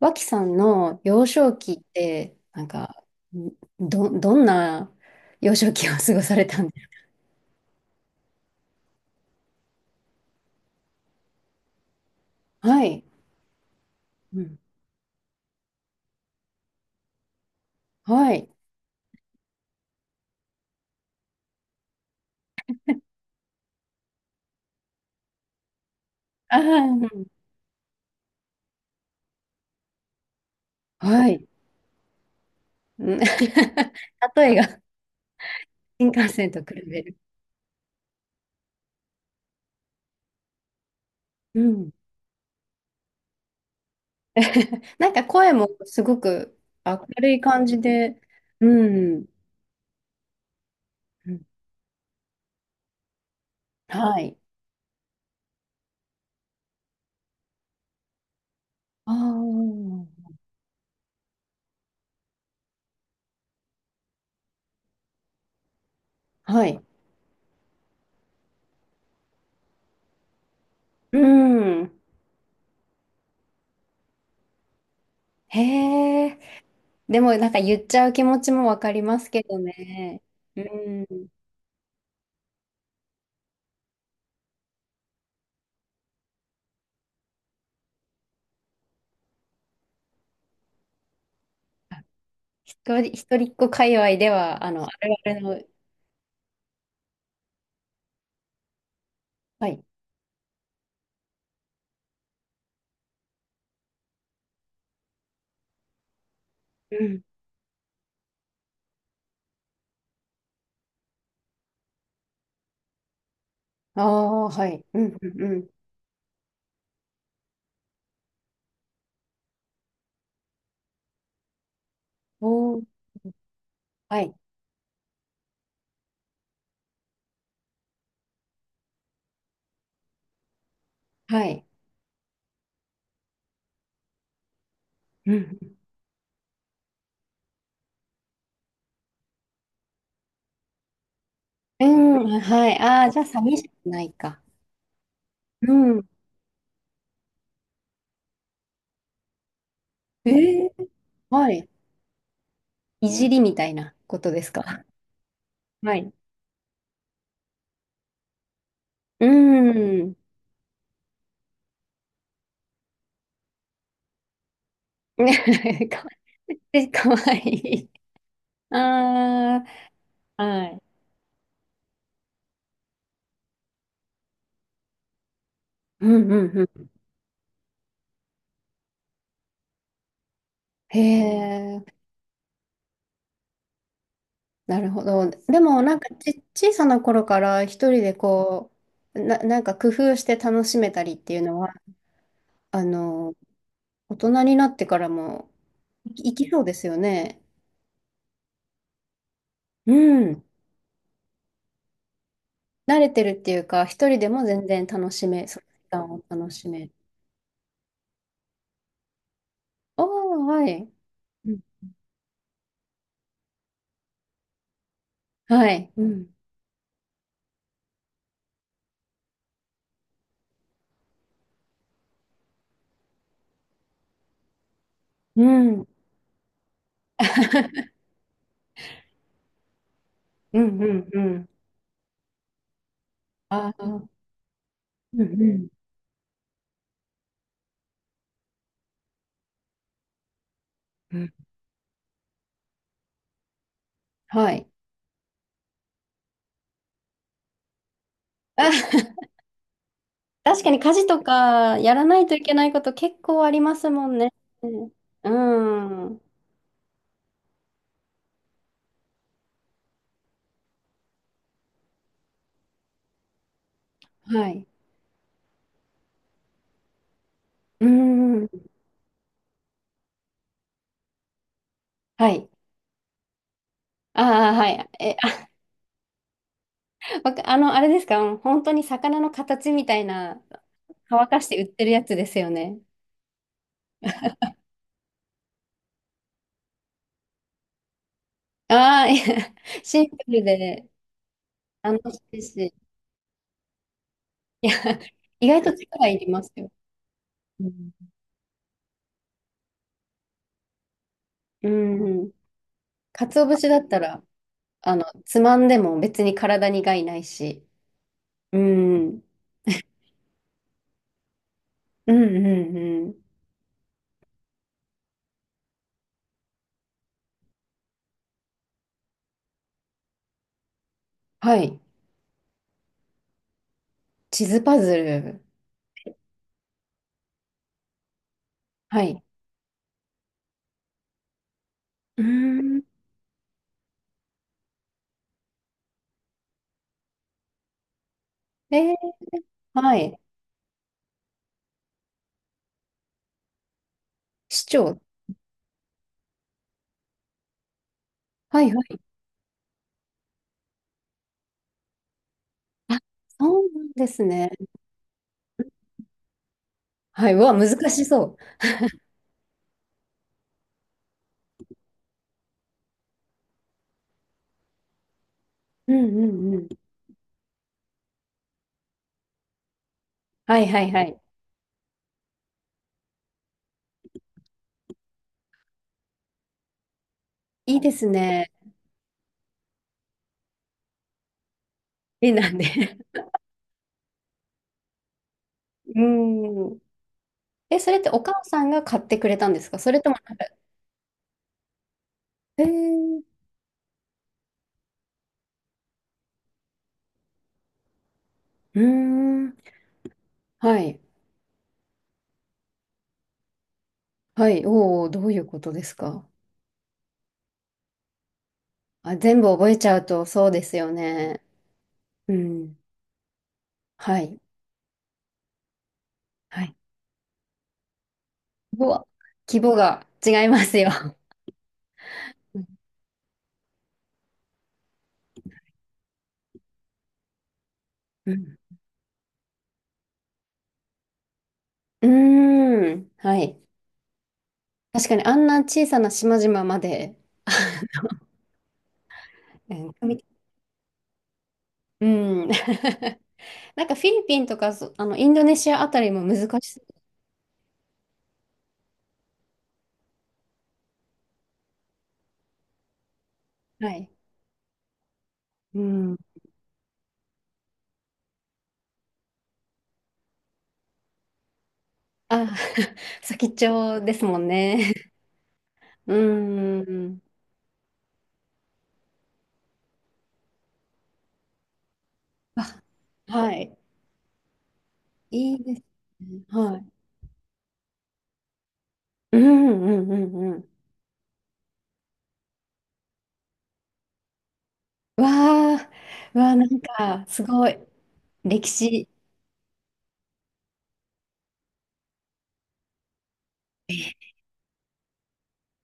脇さんの幼少期って、なんか、んどんな幼少期を過ごされたんですか？はい。うん。はい。ああ、うんはいあうんはいうん。 例えが、新幹線と比べる。うん。なんか声もすごく明るい感じで、うん。うんはい。ああ、はい。うん。へえ。でもなんか言っちゃう気持ちもわかりますけどね。うん。一一人っ子界隈では、あるあるの、はい。うん、ああ、はい。うん、うん、うん。おー、はい、はい。うん。うん、うんはい。ああ、じゃあ、寂しくないか？うん。えー、はい。いじりみたいなことですか？はい。うん。かわいい、かわいい。ああ、はい。うん、うん、うん。へえ。なるほど。でも、なんか小さな頃から一人でこう、なんか工夫して楽しめたりっていうのは、あの、大人になってからも、いきそうですよね。うん。慣れてるっていうか、一人でも全然楽しめ、その時間を楽しめる。おー、はい。うんはい。うん。うん。うんうんうん。ああ。うんうん。うんはい。あ。 確かに家事とかやらないといけないこと結構ありますもんね。うん。はい。うん。はい。ああ、はい。え、あ、わかあの、あれですか？本当に魚の形みたいな、乾かして売ってるやつですよね。ああ、いや。 シンプルで楽しいし。いや、意外と力いりますよ。うん。うん。鰹節だったら、つまんでも別に体に害ないし。うん。うんうんうん。はい。地図パズル。はい。うーん。えー、はい。市長。はいはい。あ、そうなんですね。はい。うわ、難しそう。うんうんうん。はいはいはい。いいですね。いいなんで。うーん。え、それってお母さんが買ってくれたんですか？それともなんか、えー、うーん。はい。はい。おお、どういうことですか？あ、全部覚えちゃうとそうですよね。うん。はい。はい。うわ、規模が違いますよ。うんうーん。はい。確かにあんな小さな島々まで、うん。うん。 なんかフィリピンとかそあのインドネシアあたりも難しそう。はい。うん。あ、先っちょですもんね。うーん。あ、はい。いいですね。はい。うんうんうんうん。わあ、うわあ、なんかすごい歴史。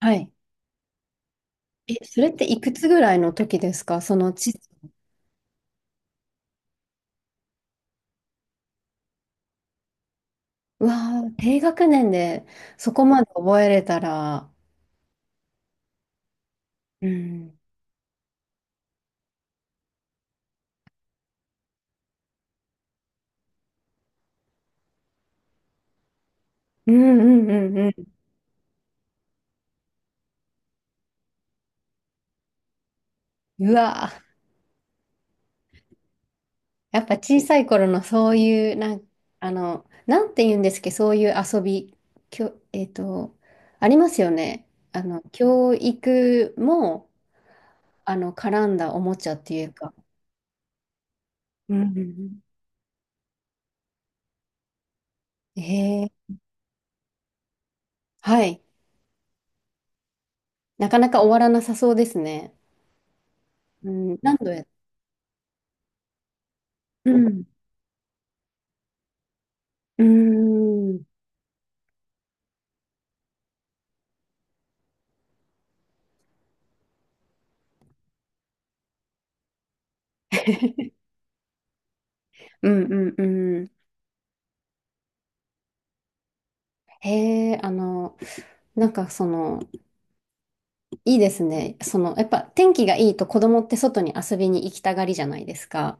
はい。え、それっていくつぐらいの時ですか？その地図。うわあ、低学年でそこまで覚えれたら、うん、うんうんうんうん。うわー。やっぱ小さい頃のそういう、なんて言うんですけど、そういう遊び、きょ、えっと、ありますよね。教育も、絡んだおもちゃっていうか。うんうんうん。へえ、はい。なかなか終わらなさそうですね。うん、何度や、うん、うん、うんうんうん。へえ、なんかその、いいですね。その、やっぱ天気がいいと子供って外に遊びに行きたがりじゃないですか。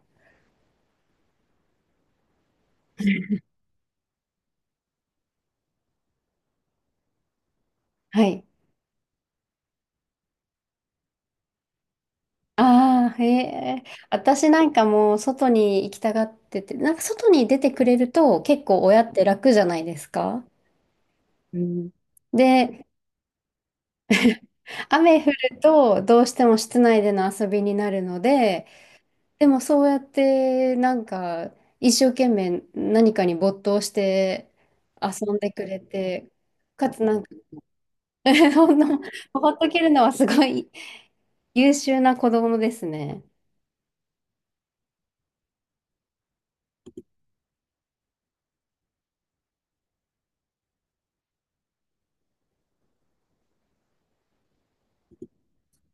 はい。ああ、へえ。私なんかもう外に行きたがってて、なんか外に出てくれると結構親って楽じゃないですか。うん、で、雨降るとどうしても室内での遊びになるので、でもそうやってなんか一生懸命何かに没頭して遊んでくれて、かつなんか。 そんな、パパッと切るのはすごい優秀な子供ですね。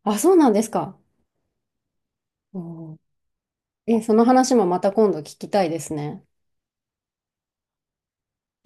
あ、そうなんですか。おー。え、その話もまた今度聞きたいですね。